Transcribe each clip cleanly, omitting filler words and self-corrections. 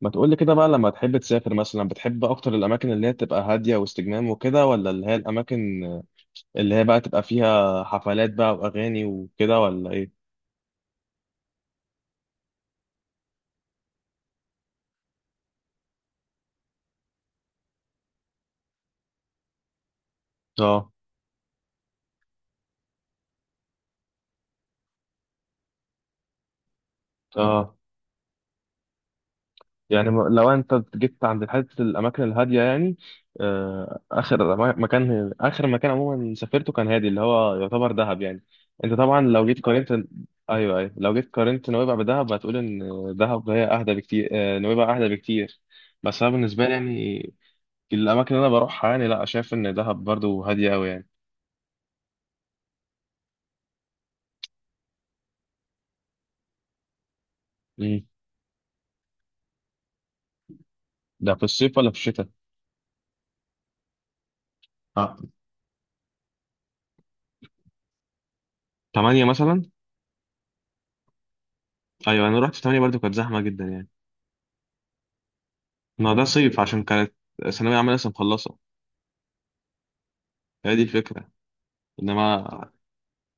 ما تقول لي كده بقى، لما تحب تسافر مثلا، بتحب اكتر الاماكن اللي هي تبقى هاديه واستجمام وكده، ولا اللي هي الاماكن اللي هي بقى تبقى فيها حفلات بقى واغاني وكده، ولا ايه؟ اه، اه، يعني لو انت جيت عند حته الاماكن الهاديه يعني، مكان اخر مكان عموما سافرته كان هادي، اللي هو يعتبر دهب يعني. انت طبعا لو جيت قارنت، ايوه، ايوه، لو جيت قارنت نويبع بدهب هتقول ان دهب هي اهدى بكتير، نويبع اهدى بكتير. بس انا بالنسبه لي يعني، الاماكن اللي انا بروحها يعني، لا شايف ان دهب برضو هاديه قوي يعني. امم ده في الصيف ولا في الشتاء؟ اه، 8 مثلا. ايوه، انا رحت في 8 برضو، كانت زحمه جدا يعني. ما ده صيف عشان كانت ثانويه عامه لسه مخلصه. هي دي الفكره، انما،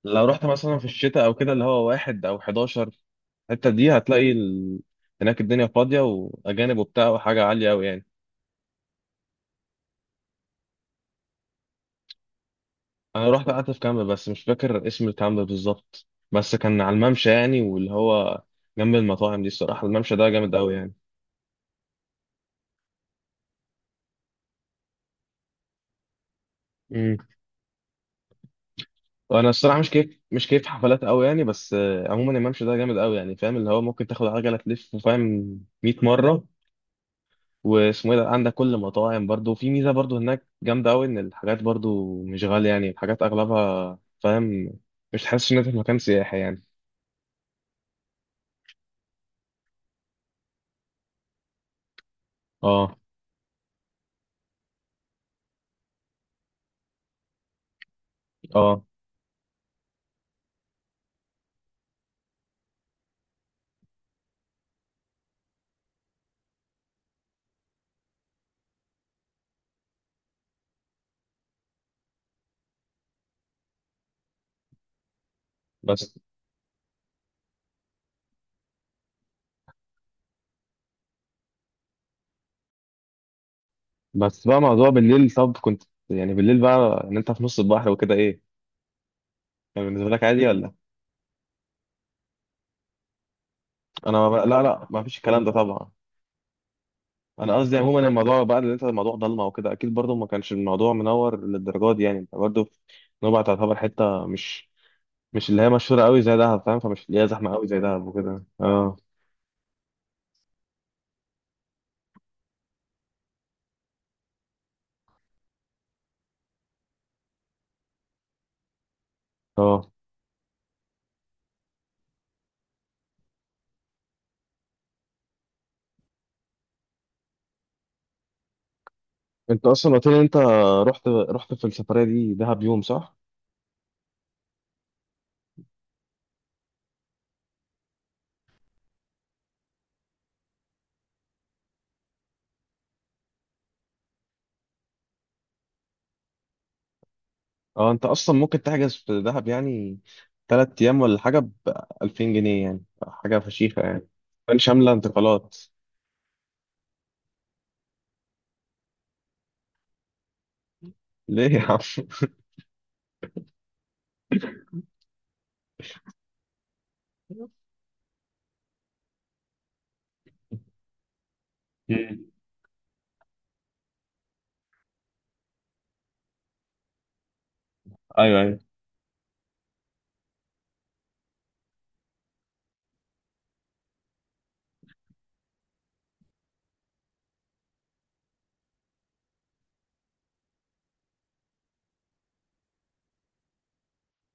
لو رحت مثلا في الشتاء او كده، اللي هو واحد او 11، الحته دي هتلاقي هناك الدنيا فاضيه واجانب وبتاع، وحاجه عاليه قوي يعني. انا رحت قعدت في كامب، بس مش فاكر اسم الكامب بالظبط. بس كان على الممشى يعني، واللي هو جنب المطاعم دي. الصراحه الممشى ده جامد قوي يعني. امم وانا الصراحه مش كيف حفلات قوي يعني، بس عموما الممشى ده جامد قوي يعني، فاهم اللي هو ممكن تاخد عجله تلف، فاهم؟ 100 مره. واسمه ايه ده، عندك كل مطاعم برضو، في ميزه برضو هناك جامده قوي ان الحاجات برضو مش غاليه يعني، الحاجات اغلبها، فاهم؟ مش تحس ان انت في مكان سياحي يعني. اه، اه، بس بس بقى موضوع بالليل، طب كنت، يعني بالليل بقى ان انت في نص البحر وكده، ايه؟ كان بالنسبه لك عادي ولا؟ انا ما بقى، لا، لا، ما فيش الكلام ده طبعا. انا قصدي يعني عموما الموضوع بقى، اللي انت الموضوع ضلمه وكده، اكيد برضو ما كانش الموضوع منور للدرجه دي يعني، انت برضو، نوبة تعتبر حته مش اللي هي مشهوره قوي زي دهب، فاهم؟ فمش اللي هي زحمه قوي زي دهب وكده، اه. اه، انت اصلا قلت لي إن انت رحت في السفريه دي دهب يوم، صح؟ اه، انت اصلا ممكن تحجز في دهب يعني 3 ايام ولا حاجه ب 2000 جنيه، يعني حاجه فشيخه يعني. كان شامله انتقالات؟ ليه يا عم؟ مم. ايوه، ايوه،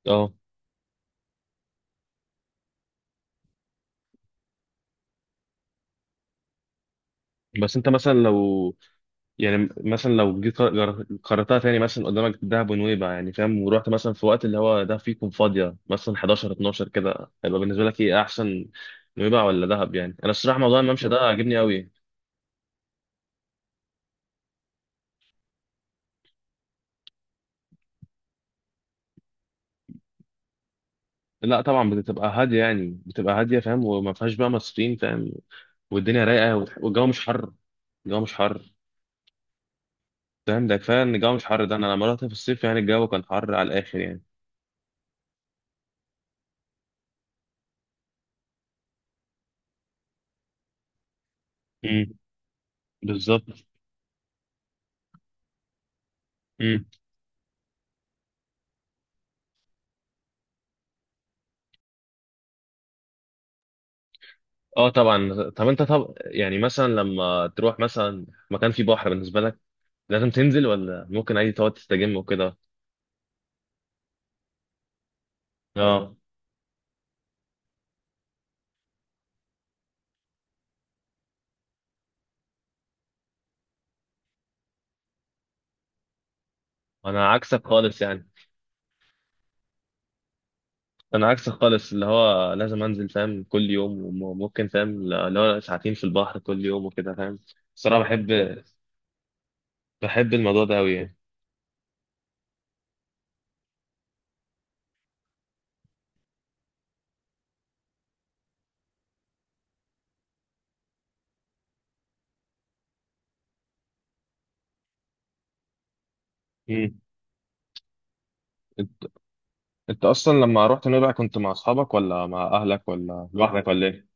اه، بس انت مثلا لو، يعني مثلا لو جيت قررتها تاني، مثلا قدامك دهب ونويبع، يعني فاهم، ورحت مثلا في وقت اللي هو ده فيكم فاضية، مثلا 11، 12 كده، هيبقى بالنسبة لك ايه احسن؟ نويبع ولا دهب؟ يعني انا الصراحة موضوع الممشى ده عاجبني قوي. لا طبعا، بتبقى هادية يعني بتبقى هادية فاهم، وما فيهاش بقى مصريين، فاهم؟ والدنيا رايقة، والجو مش حر. الجو مش حر. فاهم، ده كفاية ان الجو مش حر. ده انا لما رحت في الصيف يعني الجو كان حر على الاخر يعني. امم، بالظبط. اه طبعا، طب انت، طب يعني مثلا لما تروح مثلا مكان فيه بحر، بالنسبه لك لازم تنزل ولا ممكن عادي تقعد تستجم وكده؟ اه، انا عكسك خالص يعني. انا عكسك خالص، اللي هو لازم انزل فاهم، كل يوم، وممكن فاهم اللي هو ساعتين في البحر كل يوم وكده، فاهم. الصراحه بحب الموضوع ده قوي يعني. مم. انت انت اصلا لما رحت نويبع كنت مع اصحابك ولا مع اهلك ولا لوحدك ولا ايه؟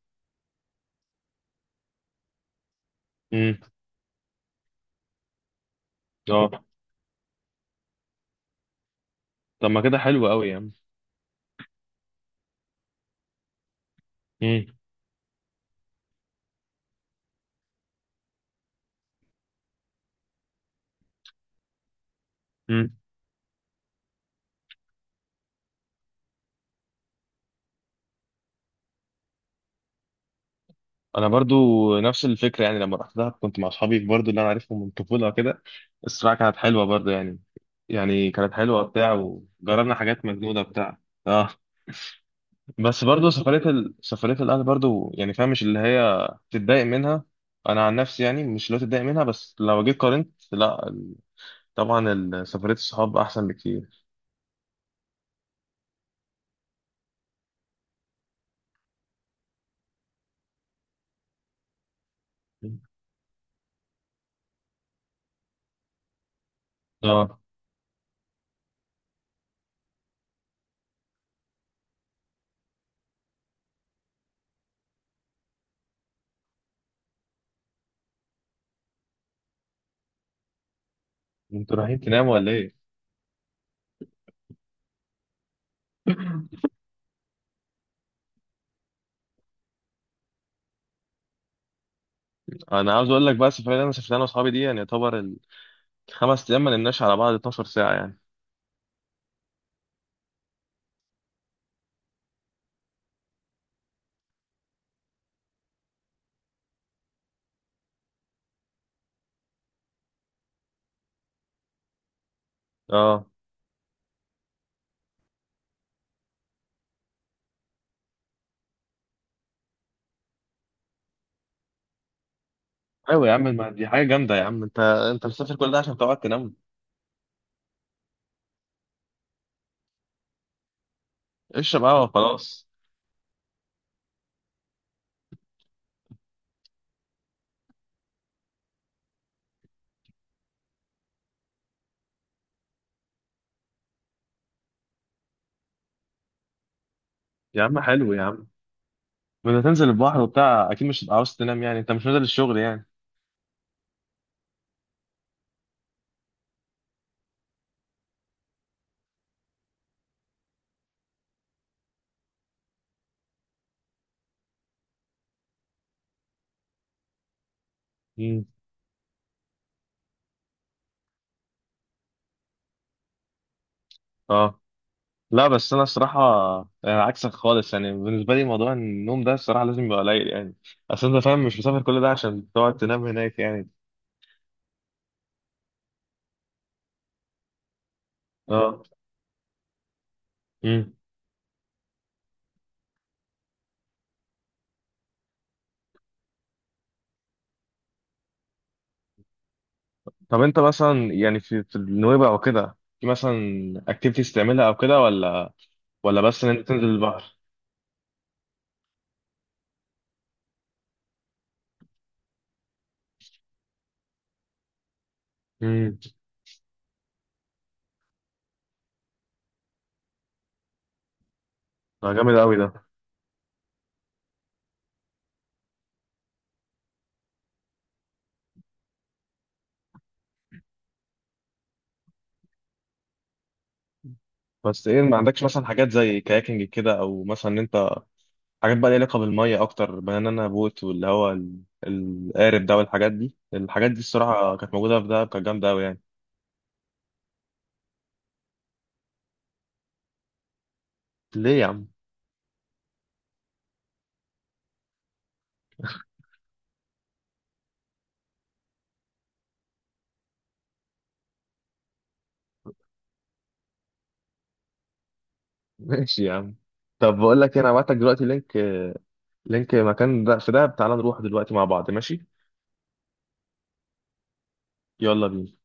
امم اه، طب ما كده حلو قوي يعني. امم انا برضو نفس الفكره، يعني لما رحت دهب كنت مع اصحابي برضو اللي انا عارفهم من الطفوله كده. الصراحه كانت حلوه برضو يعني. يعني كانت حلوه بتاع، وجربنا حاجات مجنونه بتاع. اه، بس برضو سفريه الاهل برضو يعني فاهم، مش اللي هي تتضايق منها. انا عن نفسي يعني مش اللي هو تتضايق منها، بس لو جيت قارنت، لا، طبعا، سفريه الصحاب احسن بكتير. اه، انتوا رايحين تناموا ولا ايه؟ انا عاوز اقول لك بقى السفريه اللي انا سافرتها انا واصحابي دي يعني يعتبر ال5 ايام ما نمناش على بعض 12 ساعه يعني. اه، ايوه يا عم، ما دي حاجه جامده يا عم، انت مسافر كل ده عشان تقعد تنام؟ اشرب قهوه وخلاص. يا عم حلو يا عم، بدنا تنزل البحر وبتاع، اكيد مش هتبقى عاوز تنام يعني، انت مش نازل الشغل يعني. امم اه، لا، بس انا الصراحه يعني عكسك خالص يعني، بالنسبه لي موضوع النوم ده الصراحه لازم يبقى قليل يعني. اصل انت فاهم مش مسافر كل ده عشان تقعد تنام هناك يعني. اه، امم طب انت مثلا يعني في النويبع وكده، في مثلا اكتيفيتيز تعملها او كده ولا؟ ولا بس ان انت تنزل البحر؟ امم، ده جامد قوي ده. بس ايه، ما عندكش مثلا حاجات زي كاياكينج كده، او مثلا ان انت حاجات بقى ليها علاقه بالميه اكتر، بنانا بوت واللي هو القارب ده، والحاجات دي الحاجات دي الصراحه كانت موجوده في دهب، كانت جامده قوي يعني. ليه يا عم؟ ماشي يا عم. طب بقول لك إيه، انا هبعت لك دلوقتي لينك، مكان ده في دهب، تعالى نروح دلوقتي مع بعض، ماشي؟ يلا بينا.